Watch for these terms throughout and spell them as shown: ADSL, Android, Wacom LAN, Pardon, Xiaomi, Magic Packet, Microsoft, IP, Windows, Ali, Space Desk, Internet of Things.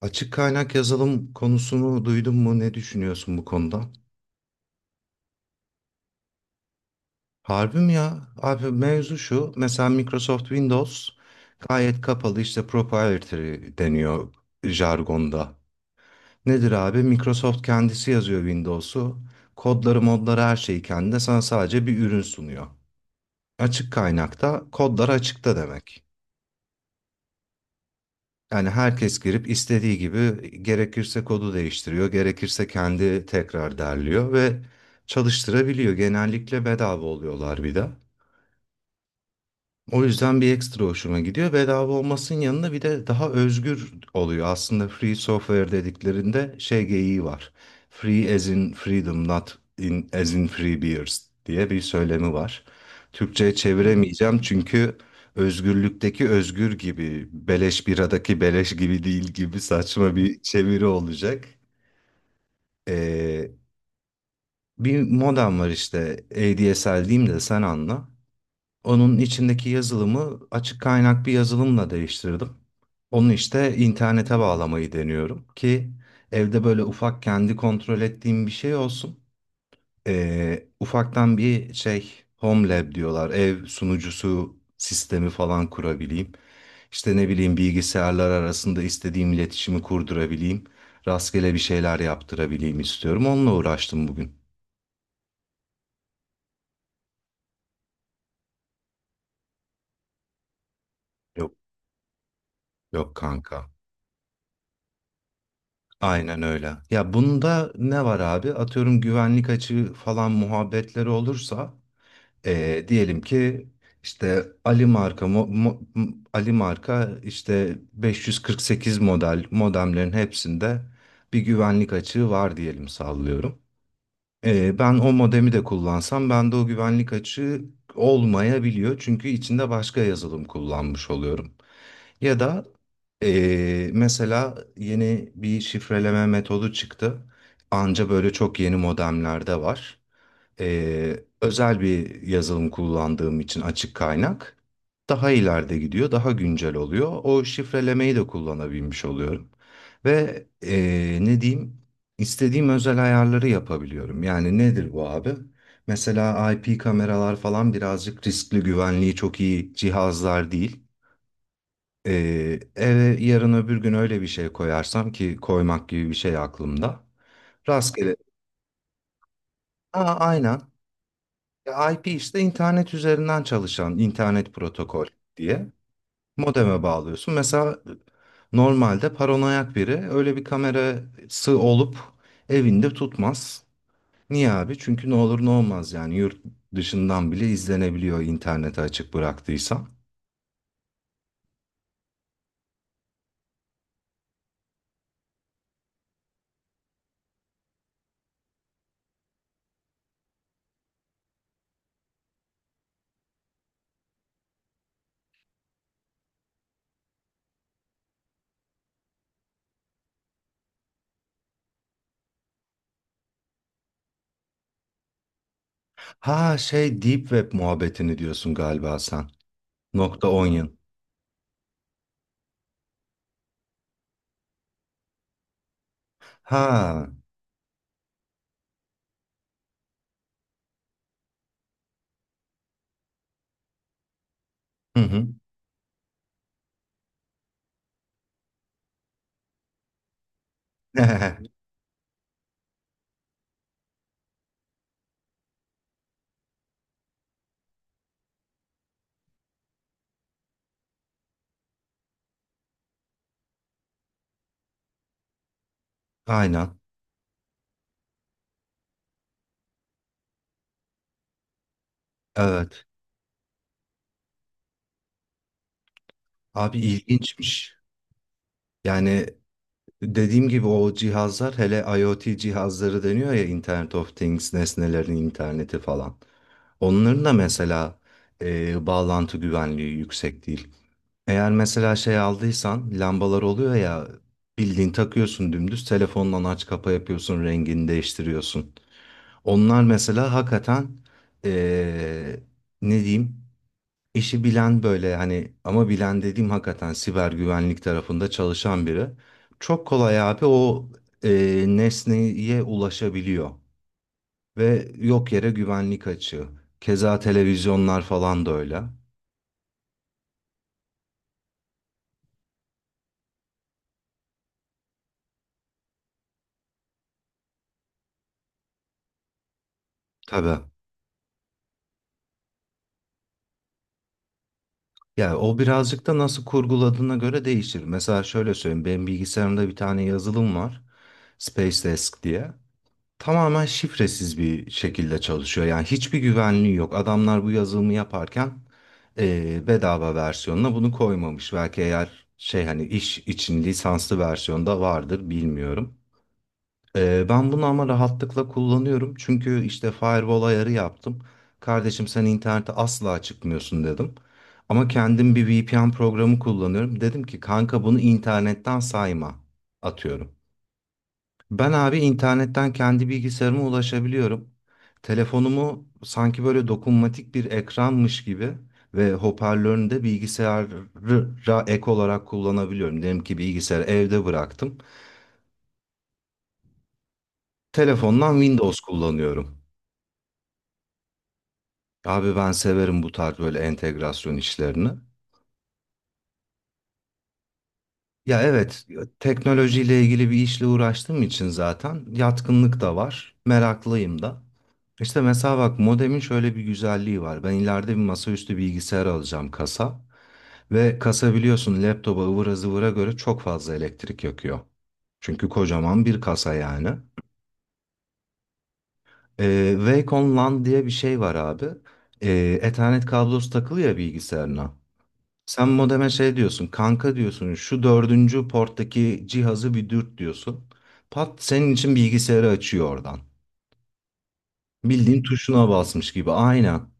Açık kaynak yazılım konusunu duydun mu? Ne düşünüyorsun bu konuda? Harbi mi ya? Abi mevzu şu. Mesela Microsoft Windows gayet kapalı, işte proprietary deniyor jargonda. Nedir abi? Microsoft kendisi yazıyor Windows'u. Kodları, modları, her şeyi kendine. Sana sadece bir ürün sunuyor. Açık kaynakta kodlar açıkta demek. Yani herkes girip istediği gibi gerekirse kodu değiştiriyor, gerekirse kendi tekrar derliyor ve çalıştırabiliyor. Genellikle bedava oluyorlar bir de. O yüzden bir ekstra hoşuma gidiyor. Bedava olmasının yanında bir de daha özgür oluyor. Aslında free software dediklerinde şey geyiği var. Free as in freedom, not in, as in free beers diye bir söylemi var. Türkçe'ye çeviremeyeceğim, çünkü özgürlükteki özgür gibi, beleş biradaki beleş gibi değil gibi saçma bir çeviri olacak. Ee, bir modem var işte ADSL diyeyim de sen anla. Onun içindeki yazılımı açık kaynak bir yazılımla değiştirdim. Onu işte internete bağlamayı deniyorum ki evde böyle ufak, kendi kontrol ettiğim bir şey olsun. Ufaktan bir şey, home lab diyorlar, ev sunucusu sistemi falan kurabileyim. İşte ne bileyim, bilgisayarlar arasında istediğim iletişimi kurdurabileyim. Rastgele bir şeyler yaptırabileyim istiyorum. Onunla uğraştım bugün. Yok, yok, kanka. Aynen öyle. Ya bunda ne var abi? Atıyorum, güvenlik açığı falan muhabbetleri olursa diyelim ki işte Ali marka mo- mo- m- Ali marka işte 548 model modemlerin hepsinde bir güvenlik açığı var diyelim, sallıyorum. Ben o modemi de kullansam bende o güvenlik açığı olmayabiliyor. Çünkü içinde başka yazılım kullanmış oluyorum. Ya da mesela yeni bir şifreleme metodu çıktı. Anca böyle çok yeni modemlerde var. Özel bir yazılım kullandığım için açık kaynak daha ileride gidiyor, daha güncel oluyor. O şifrelemeyi de kullanabilmiş oluyorum. Ve ne diyeyim, istediğim özel ayarları yapabiliyorum. Yani nedir bu abi? Mesela IP kameralar falan birazcık riskli, güvenliği çok iyi cihazlar değil. Eve yarın öbür gün öyle bir şey koyarsam ki koymak gibi bir şey aklımda. Rastgele. Aa, aynen. Ya IP, işte internet üzerinden çalışan internet protokol diye modeme bağlıyorsun. Mesela normalde paranoyak biri öyle bir kamerası olup evinde tutmaz. Niye abi? Çünkü ne olur ne olmaz, yani yurt dışından bile izlenebiliyor internete açık bıraktıysa. Ha, şey, deep web muhabbetini diyorsun galiba sen. Nokta onion. Ha. Hı hı. Aynen. Evet. Abi ilginçmiş. Yani dediğim gibi, o cihazlar, hele IoT cihazları deniyor ya, Internet of Things, nesnelerin interneti falan. Onların da mesela bağlantı güvenliği yüksek değil. Eğer mesela şey aldıysan, lambalar oluyor ya, bildiğin takıyorsun, dümdüz telefondan aç kapa yapıyorsun, rengini değiştiriyorsun. Onlar mesela hakikaten, e, ne diyeyim, İşi bilen, böyle hani, ama bilen dediğim hakikaten siber güvenlik tarafında çalışan biri. Çok kolay abi, o e, nesneye ulaşabiliyor ve yok yere güvenlik açığı. Keza televizyonlar falan da öyle. Tabii. Yani o birazcık da nasıl kurguladığına göre değişir. Mesela şöyle söyleyeyim. Benim bilgisayarımda bir tane yazılım var. Space Desk diye. Tamamen şifresiz bir şekilde çalışıyor. Yani hiçbir güvenliği yok. Adamlar bu yazılımı yaparken bedava versiyonuna bunu koymamış. Belki, eğer, şey, hani iş için lisanslı versiyonda vardır, bilmiyorum. Ben bunu ama rahatlıkla kullanıyorum. Çünkü işte firewall ayarı yaptım. Kardeşim sen internete asla çıkmıyorsun dedim. Ama kendim bir VPN programı kullanıyorum. Dedim ki kanka, bunu internetten sayma, atıyorum. Ben abi, internetten kendi bilgisayarıma ulaşabiliyorum. Telefonumu sanki böyle dokunmatik bir ekranmış gibi ve hoparlörünü de bilgisayara ek olarak kullanabiliyorum. Diyelim ki bilgisayarı evde bıraktım. Telefondan Windows kullanıyorum. Abi ben severim bu tarz böyle entegrasyon işlerini. Ya evet, teknolojiyle ilgili bir işle uğraştığım için zaten yatkınlık da var, meraklıyım da. İşte mesela bak, modemin şöyle bir güzelliği var. Ben ileride bir masaüstü bilgisayar alacağım, kasa. Ve kasa biliyorsun laptopa, ıvıra zıvıra göre çok fazla elektrik yakıyor. Çünkü kocaman bir kasa yani. Wacom LAN diye bir şey var abi. Ethernet kablosu takılı ya bilgisayarına. Sen modeme şey diyorsun, kanka diyorsun, şu dördüncü porttaki cihazı bir dürt diyorsun. Pat, senin için bilgisayarı açıyor oradan. Bildiğin tuşuna basmış gibi, aynen.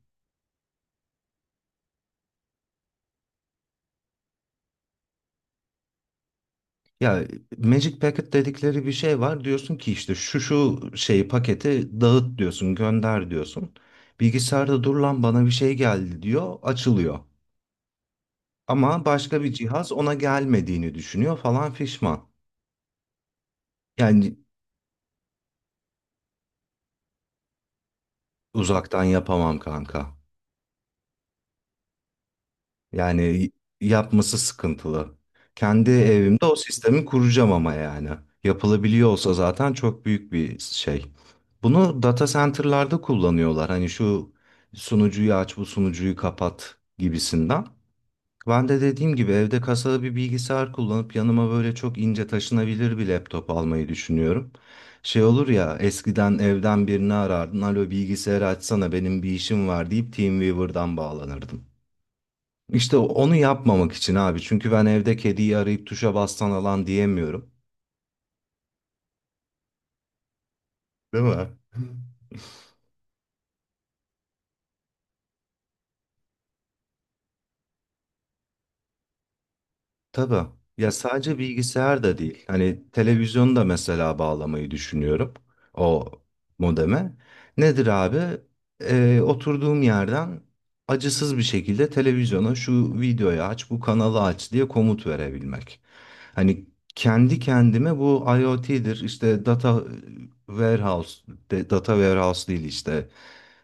Ya, Magic Packet dedikleri bir şey var. Diyorsun ki işte şu şu şeyi, paketi dağıt diyorsun, gönder diyorsun. Bilgisayarda, dur lan bana bir şey geldi diyor, açılıyor. Ama başka bir cihaz ona gelmediğini düşünüyor falan fişman. Yani uzaktan yapamam kanka. Yani yapması sıkıntılı. Kendi evimde o sistemi kuracağım ama yani. Yapılabiliyor olsa zaten çok büyük bir şey. Bunu data center'larda kullanıyorlar. Hani şu sunucuyu aç, bu sunucuyu kapat gibisinden. Ben de dediğim gibi evde kasalı bir bilgisayar kullanıp yanıma böyle çok ince taşınabilir bir laptop almayı düşünüyorum. Şey olur ya, eskiden evden birini arardın. Alo, bilgisayarı açsana benim bir işim var deyip TeamViewer'dan bağlanırdım. İşte onu yapmamak için abi. Çünkü ben evde kediyi arayıp tuşa bastan alan diyemiyorum. Değil mi? Tabii. Ya sadece bilgisayar da değil. Hani televizyonu da mesela bağlamayı düşünüyorum o modeme. Nedir abi? Oturduğum yerden acısız bir şekilde televizyona şu videoyu aç, bu kanalı aç diye komut verebilmek. Hani kendi kendime bu IoT'dir, işte data warehouse, data warehouse değil, işte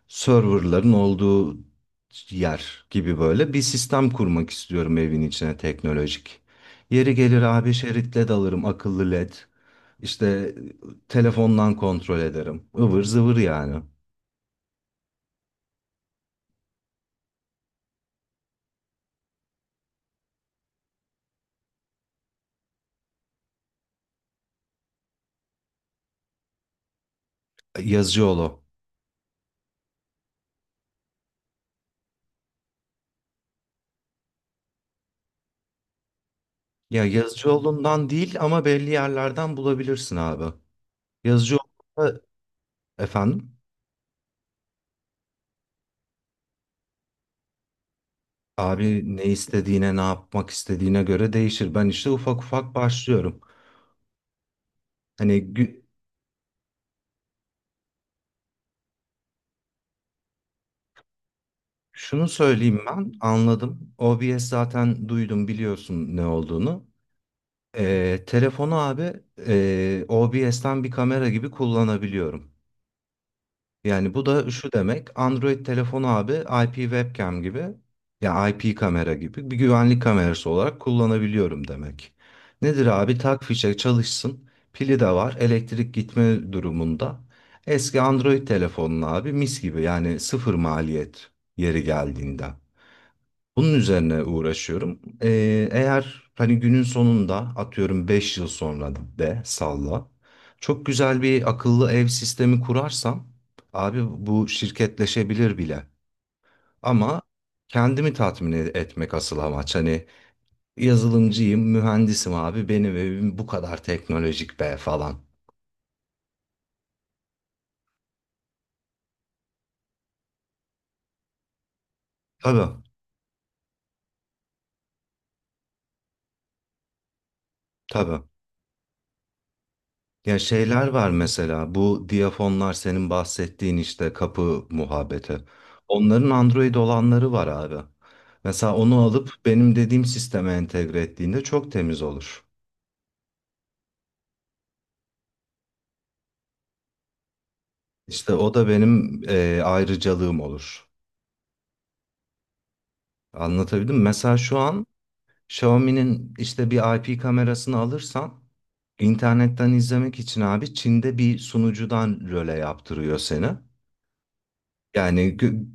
serverların olduğu yer gibi böyle bir sistem kurmak istiyorum evin içine, teknolojik. Yeri gelir abi şeritle dalırım, akıllı led. İşte telefondan kontrol ederim. Ivır zıvır yani. Yazıcıoğlu. Ya Yazıcıoğlu'ndan değil ama belli yerlerden bulabilirsin abi. Yazıcıoğlu, efendim, abi ne istediğine, ne yapmak istediğine göre değişir. Ben işte ufak ufak başlıyorum. Hani gü- Şunu söyleyeyim, ben anladım. O b s zaten duydum, biliyorsun ne olduğunu. Telefonu abi, OBS'ten bir kamera gibi kullanabiliyorum. Yani bu da şu demek, Android telefonu abi IP webcam gibi, ya IP kamera gibi bir güvenlik kamerası olarak kullanabiliyorum demek. Nedir abi, tak fişe çalışsın, pili de var elektrik gitme durumunda. Eski Android telefonun abi mis gibi, yani sıfır maliyet yeri geldiğinde. Bunun üzerine uğraşıyorum. Eğer hani günün sonunda atıyorum 5 yıl sonra, de salla. Çok güzel bir akıllı ev sistemi kurarsam abi, bu şirketleşebilir bile. Ama kendimi tatmin etmek asıl amaç. Hani yazılımcıyım, mühendisim abi, benim evim bu kadar teknolojik be falan. Tabii, tabii. Ya şeyler var mesela, bu diyafonlar, senin bahsettiğin işte kapı muhabbeti. Onların Android olanları var abi. Mesela onu alıp benim dediğim sisteme entegre ettiğinde çok temiz olur. İşte o da benim ayrıcalığım olur. Anlatabildim mi? Mesela şu an Xiaomi'nin işte bir IP kamerasını alırsan, internetten izlemek için abi, Çin'de bir sunucudan röle yaptırıyor seni. Yani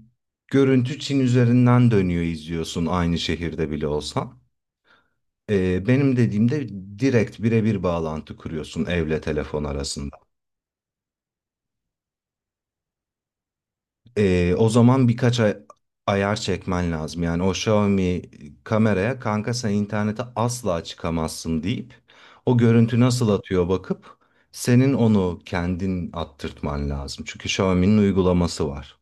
görüntü Çin üzerinden dönüyor, izliyorsun aynı şehirde bile olsan. Benim dediğimde direkt birebir bağlantı kuruyorsun evle telefon arasında. O zaman birkaç ayar çekmen lazım. Yani o Xiaomi kameraya kanka sen internete asla çıkamazsın deyip, o görüntü nasıl atıyor bakıp senin onu kendin attırtman lazım. Çünkü Xiaomi'nin uygulaması var.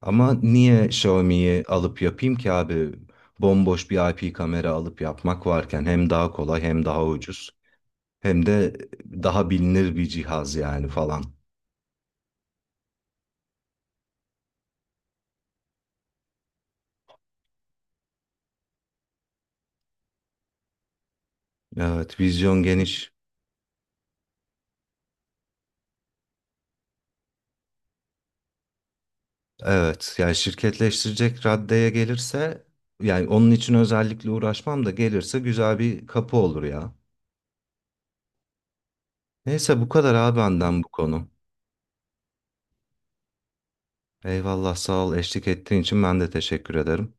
Ama niye Xiaomi'yi alıp yapayım ki abi? Bomboş bir IP kamera alıp yapmak varken hem daha kolay, hem daha ucuz, hem de daha bilinir bir cihaz yani falan. Evet, vizyon geniş. Evet, yani şirketleştirecek raddeye gelirse, yani onun için özellikle uğraşmam da gelirse güzel bir kapı olur ya. Neyse, bu kadar abi benden bu konu. Eyvallah, sağ ol eşlik ettiğin için, ben de teşekkür ederim.